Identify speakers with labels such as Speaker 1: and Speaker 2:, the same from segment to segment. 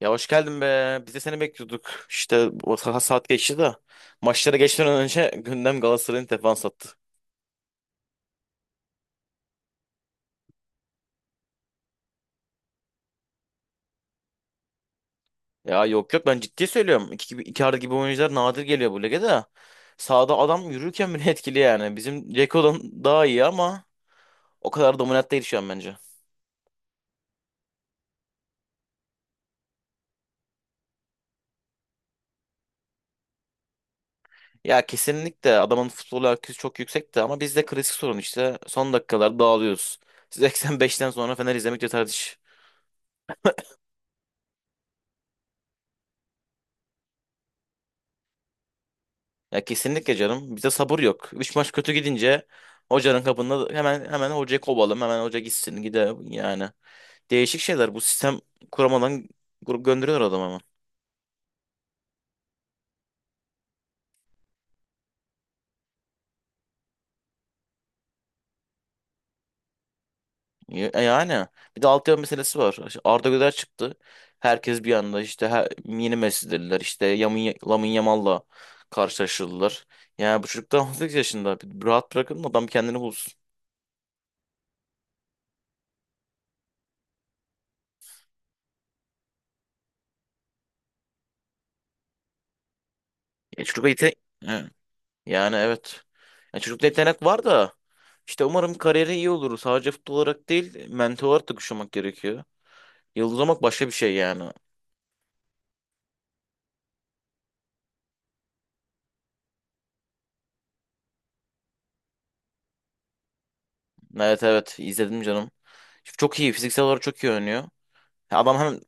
Speaker 1: Ya hoş geldin be. Biz de seni bekliyorduk. İşte saat geçti de. Maçlara geçmeden önce gündem Galatasaray'ın defans attı. Ya yok yok ben ciddi söylüyorum. İki arada gibi oyuncular nadir geliyor bu lige de. Sağda adam yürürken bile etkili yani. Bizim Ceko'dan daha iyi ama o kadar dominant değil şu an bence. Ya kesinlikle adamın futbol IQ'su çok yüksekti ama bizde klasik sorun işte. Son dakikalar dağılıyoruz. 85'ten sonra Fener izlemek yeter. Ya kesinlikle canım. Bize sabır yok. Üç maç kötü gidince hocanın kapında hemen hocayı kovalım. Hemen hoca gitsin gide yani. Değişik şeyler. Bu sistem kuramadan grup gönderiyorlar adamı hemen. Yani bir de altyapı meselesi var. İşte Arda Güler çıktı. Herkes bir anda işte yeni Messi dediler. İşte Lamine Yamal'la karşılaştırdılar. Yani bu çocuk daha 18 yaşında. Bir rahat bırakın adam kendini bulsun. Ya çocuk yetenek... Yani evet. Ya çocukta yetenek var da işte umarım kariyeri iyi olur. Sadece futbol olarak değil, mental olarak da güçlenmek gerekiyor. Yıldız olmak başka bir şey yani. Evet evet izledim canım. Çok iyi fiziksel olarak çok iyi oynuyor. Ya adam hem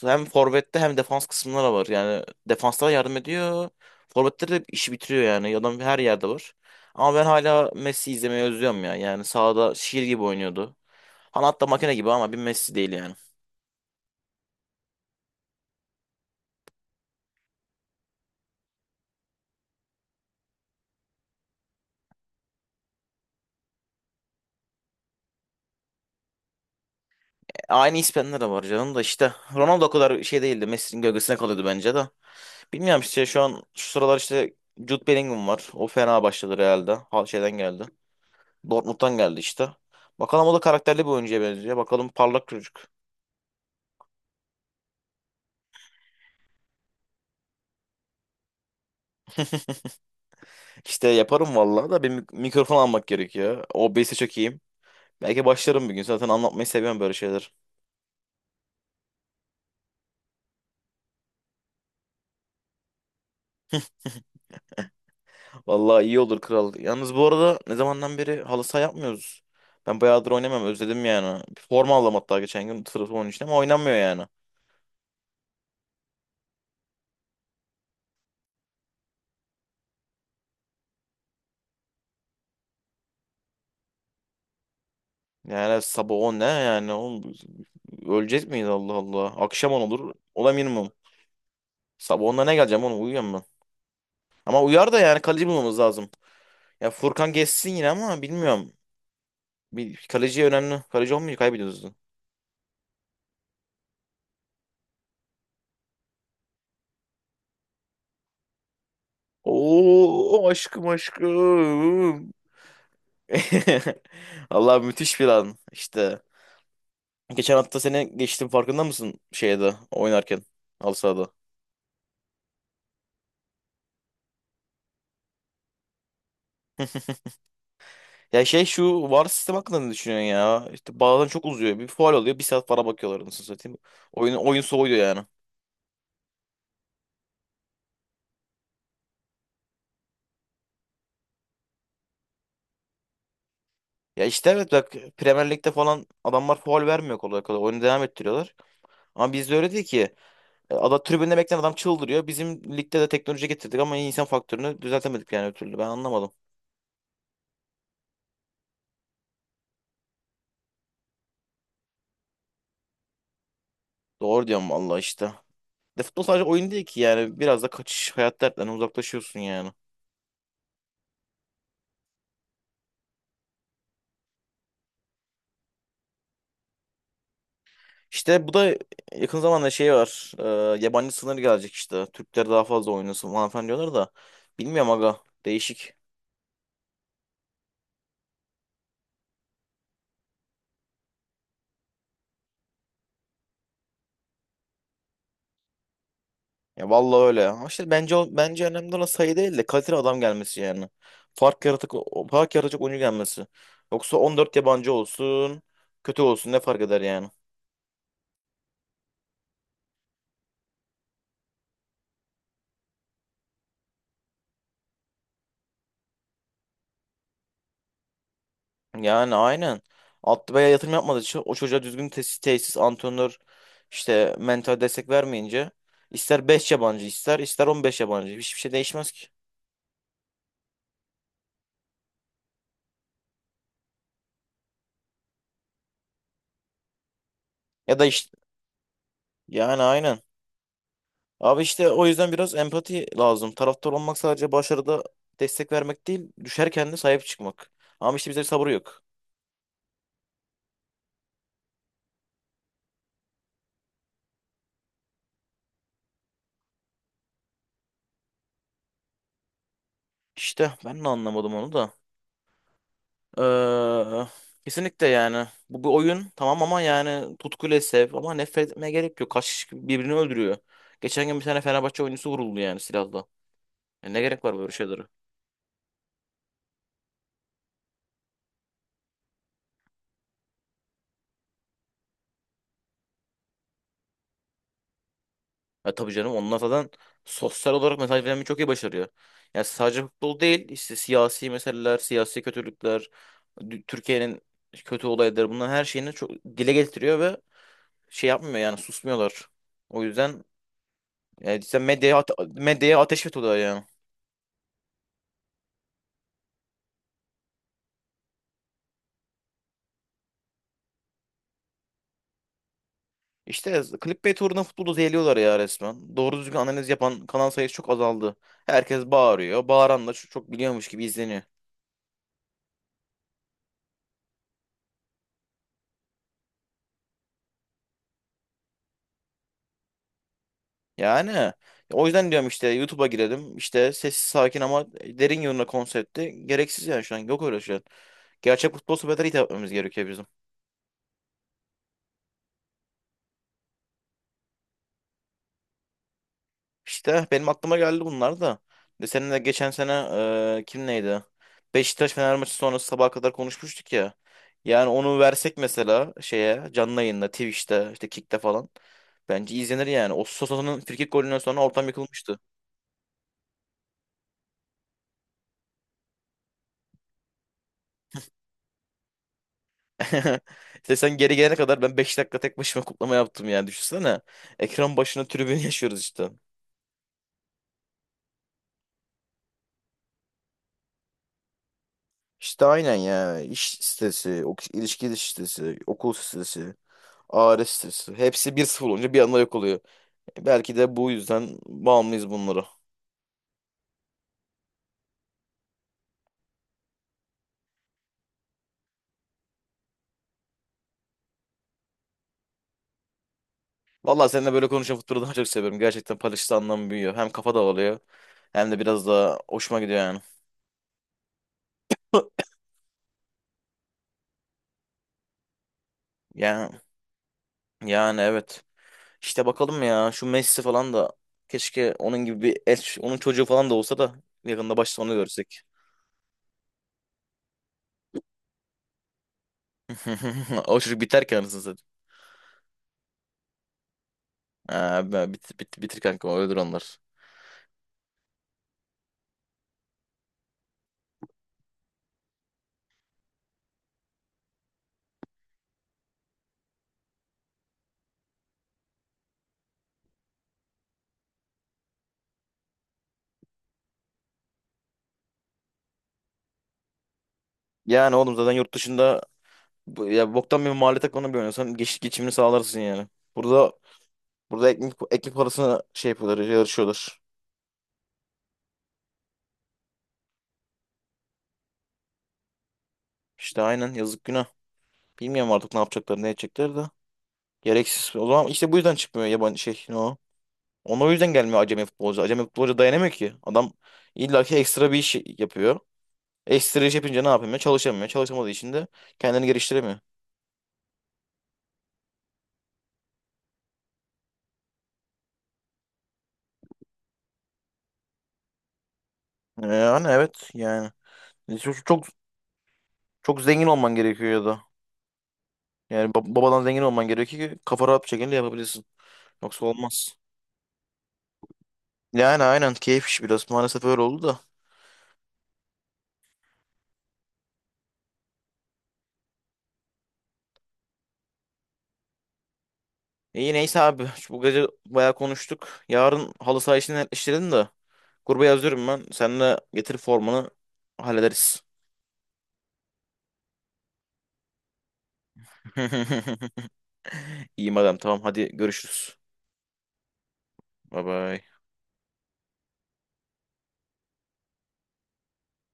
Speaker 1: hem forvette hem defans kısımlara var. Yani defanslara yardım ediyor. Forvetleri de işi bitiriyor yani. Adam her yerde var. Ama ben hala Messi izlemeyi özlüyorum ya. Yani sahada şiir gibi oynuyordu. Hani hatta makine gibi ama bir Messi değil yani. Aynı İspanyollar da var canım da işte. Ronaldo o kadar şey değildi. Messi'nin gölgesine kalıyordu bence de. Bilmiyorum işte şu an şu sıralar işte Jude Bellingham var. O fena başladı Real'de. Hal şeyden geldi. Dortmund'dan geldi işte. Bakalım o da karakterli bir oyuncuya benziyor. Bakalım parlak çocuk. İşte yaparım vallahi da bir mikrofon almak gerekiyor. OBS'e çok iyiyim. Belki başlarım bir gün. Zaten anlatmayı seviyorum böyle şeyler. Vallahi iyi olur kral. Yalnız bu arada ne zamandan beri halı saha yapmıyoruz. Ben bayağıdır oynamam özledim yani. Forma aldım hatta geçen gün sırf onun için ama oynanmıyor yani. Yani evet, sabah 10 ne yani? Oğlum, öleceğiz miyiz Allah Allah? Akşam 10 olur. Ola minimum. Sabah 10'da ne geleceğim oğlum uyuyorum ben. Ama uyar da yani kaleci bulmamız lazım. Ya Furkan geçsin yine ama bilmiyorum. Bir kaleci önemli. Kaleci olmayınca kaybediyoruz. Oo aşkım aşkım. Allah müthiş bir an işte. Geçen hafta seni geçtim farkında mısın şeyde oynarken halı sahada? Ya şey şu VAR sistem hakkında ne düşünüyorsun ya? İşte bazen çok uzuyor. Bir faul oluyor. Bir saat para bakıyorlar nasıl satayım. Oyun soğuyor yani. Ya işte evet bak Premier Lig'de falan adamlar faul vermiyor kolay kolay. Oyunu devam ettiriyorlar. Ama bizde öyle değil ki. Ada tribünde bekleyen adam çıldırıyor. Bizim ligde de teknoloji getirdik ama insan faktörünü düzeltemedik yani ötürü ben anlamadım. Doğru diyorum vallahi işte. De futbol sadece oyun değil ki yani. Biraz da kaçış hayat dertlerinden uzaklaşıyorsun yani. İşte bu da yakın zamanda şey var. Yabancı sınır gelecek işte. Türkler daha fazla oynasın falan filan diyorlar da. Bilmiyorum aga. Değişik. Ya vallahi öyle. Ama işte bence bence önemli olan sayı değil de kaliteli adam gelmesi yani. Fark yaratık Fark yaratacak oyuncu gelmesi. Yoksa 14 yabancı olsun, kötü olsun ne fark eder yani? Yani aynen. Altı beye yatırım yapmadığı için o çocuğa düzgün tesis, antrenör, işte mental destek vermeyince ister 5 yabancı ister 15 yabancı hiçbir şey değişmez ki. Ya da işte yani aynen. Abi işte o yüzden biraz empati lazım. Taraftar olmak sadece başarıda destek vermek değil, düşerken de sahip çıkmak. Ama işte bizde bir sabır yok. İşte ben de anlamadım onu da. Kesinlikle yani. Bu bir oyun tamam ama yani tutkuyla sev ama nefret etmeye gerek yok. Kaç kişi birbirini öldürüyor. Geçen gün bir tane Fenerbahçe oyuncusu vuruldu yani silahla. Ya ne gerek var böyle şeylere? Ya tabii canım onlar zaten sosyal olarak mesaj vermeyi çok iyi başarıyor. Yani sadece futbol değil işte siyasi meseleler, siyasi kötülükler, Türkiye'nin kötü olayları bunların her şeyini çok dile getiriyor ve şey yapmıyor yani susmuyorlar. O yüzden yani işte medyaya, medyaya ateş ediyorlar yani. İşte clickbait uğruna futbolu zehirliyorlar ya resmen. Doğru düzgün analiz yapan kanal sayısı çok azaldı. Herkes bağırıyor. Bağıran da çok çok biliyormuş gibi izleniyor. Yani o yüzden diyorum işte YouTube'a girelim. İşte sessiz sakin ama derin yorumla konsepti. Gereksiz yani şu an. Yok öyle şu an. Gerçek futbol sohbetleri hitap etmemiz gerekiyor bizim. İşte benim aklıma geldi bunlar da. De seninle de geçen sene kim neydi? Beşiktaş Fener maçı sonrası sabaha kadar konuşmuştuk ya. Yani onu versek mesela şeye canlı yayında Twitch'te işte Kick'te falan. Bence izlenir yani. O Sosa'nın frikik golünden sonra ortam yıkılmıştı. İşte sen geri gelene kadar ben 5 dakika tek başıma kutlama yaptım yani düşünsene. Ekran başına tribün yaşıyoruz işte. İşte aynen ya. İş stresi, ok ilişki stresi, okul stresi, aile stresi. Hepsi 1-0 olunca bir anda yok oluyor. Belki de bu yüzden bağımlıyız bunlara. Vallahi seninle böyle konuşan futbolu daha çok seviyorum. Gerçekten paylaştığı anlam büyüyor. Hem kafa dağılıyor hem de biraz daha hoşuma gidiyor yani. Yani, yani evet. İşte bakalım ya şu Messi falan da keşke onun gibi bir eş, onun çocuğu falan da olsa da yakında başta onu görsek. O çocuk biter ki anasını satayım. Bitir kanka öldür onlar. Yani oğlum zaten yurt dışında ya boktan bir mahalle takımına bir oynasan geçimini sağlarsın yani. Burada burada ekmek parasına şey yapıyorlar yarışıyorlar. İşte aynen yazık günah. Bilmiyorum artık ne yapacaklar ne edecekler de. Gereksiz. O zaman işte bu yüzden çıkmıyor yabancı şey. Ne o? Ona o yüzden gelmiyor acemi futbolcu. Acemi futbolcu dayanamıyor ki. Adam illaki ekstra bir iş yapıyor. Ekstra iş yapınca ne yapamıyor? Çalışamıyor. Çalışamadığı için de kendini geliştiremiyor. Yani evet yani. Çok, çok, çok zengin olman gerekiyor ya da. Yani babadan zengin olman gerekiyor ki kafa rahat bir şekilde yapabilirsin. Yoksa olmaz. Yani aynen keyif iş biraz. Maalesef öyle oldu da. İyi neyse abi. Bu gece bayağı konuştuk. Yarın halı saha işini netleştirelim de. Gruba yazıyorum ben. Seninle getir formunu hallederiz. İyi adam tamam hadi görüşürüz. Bye bye.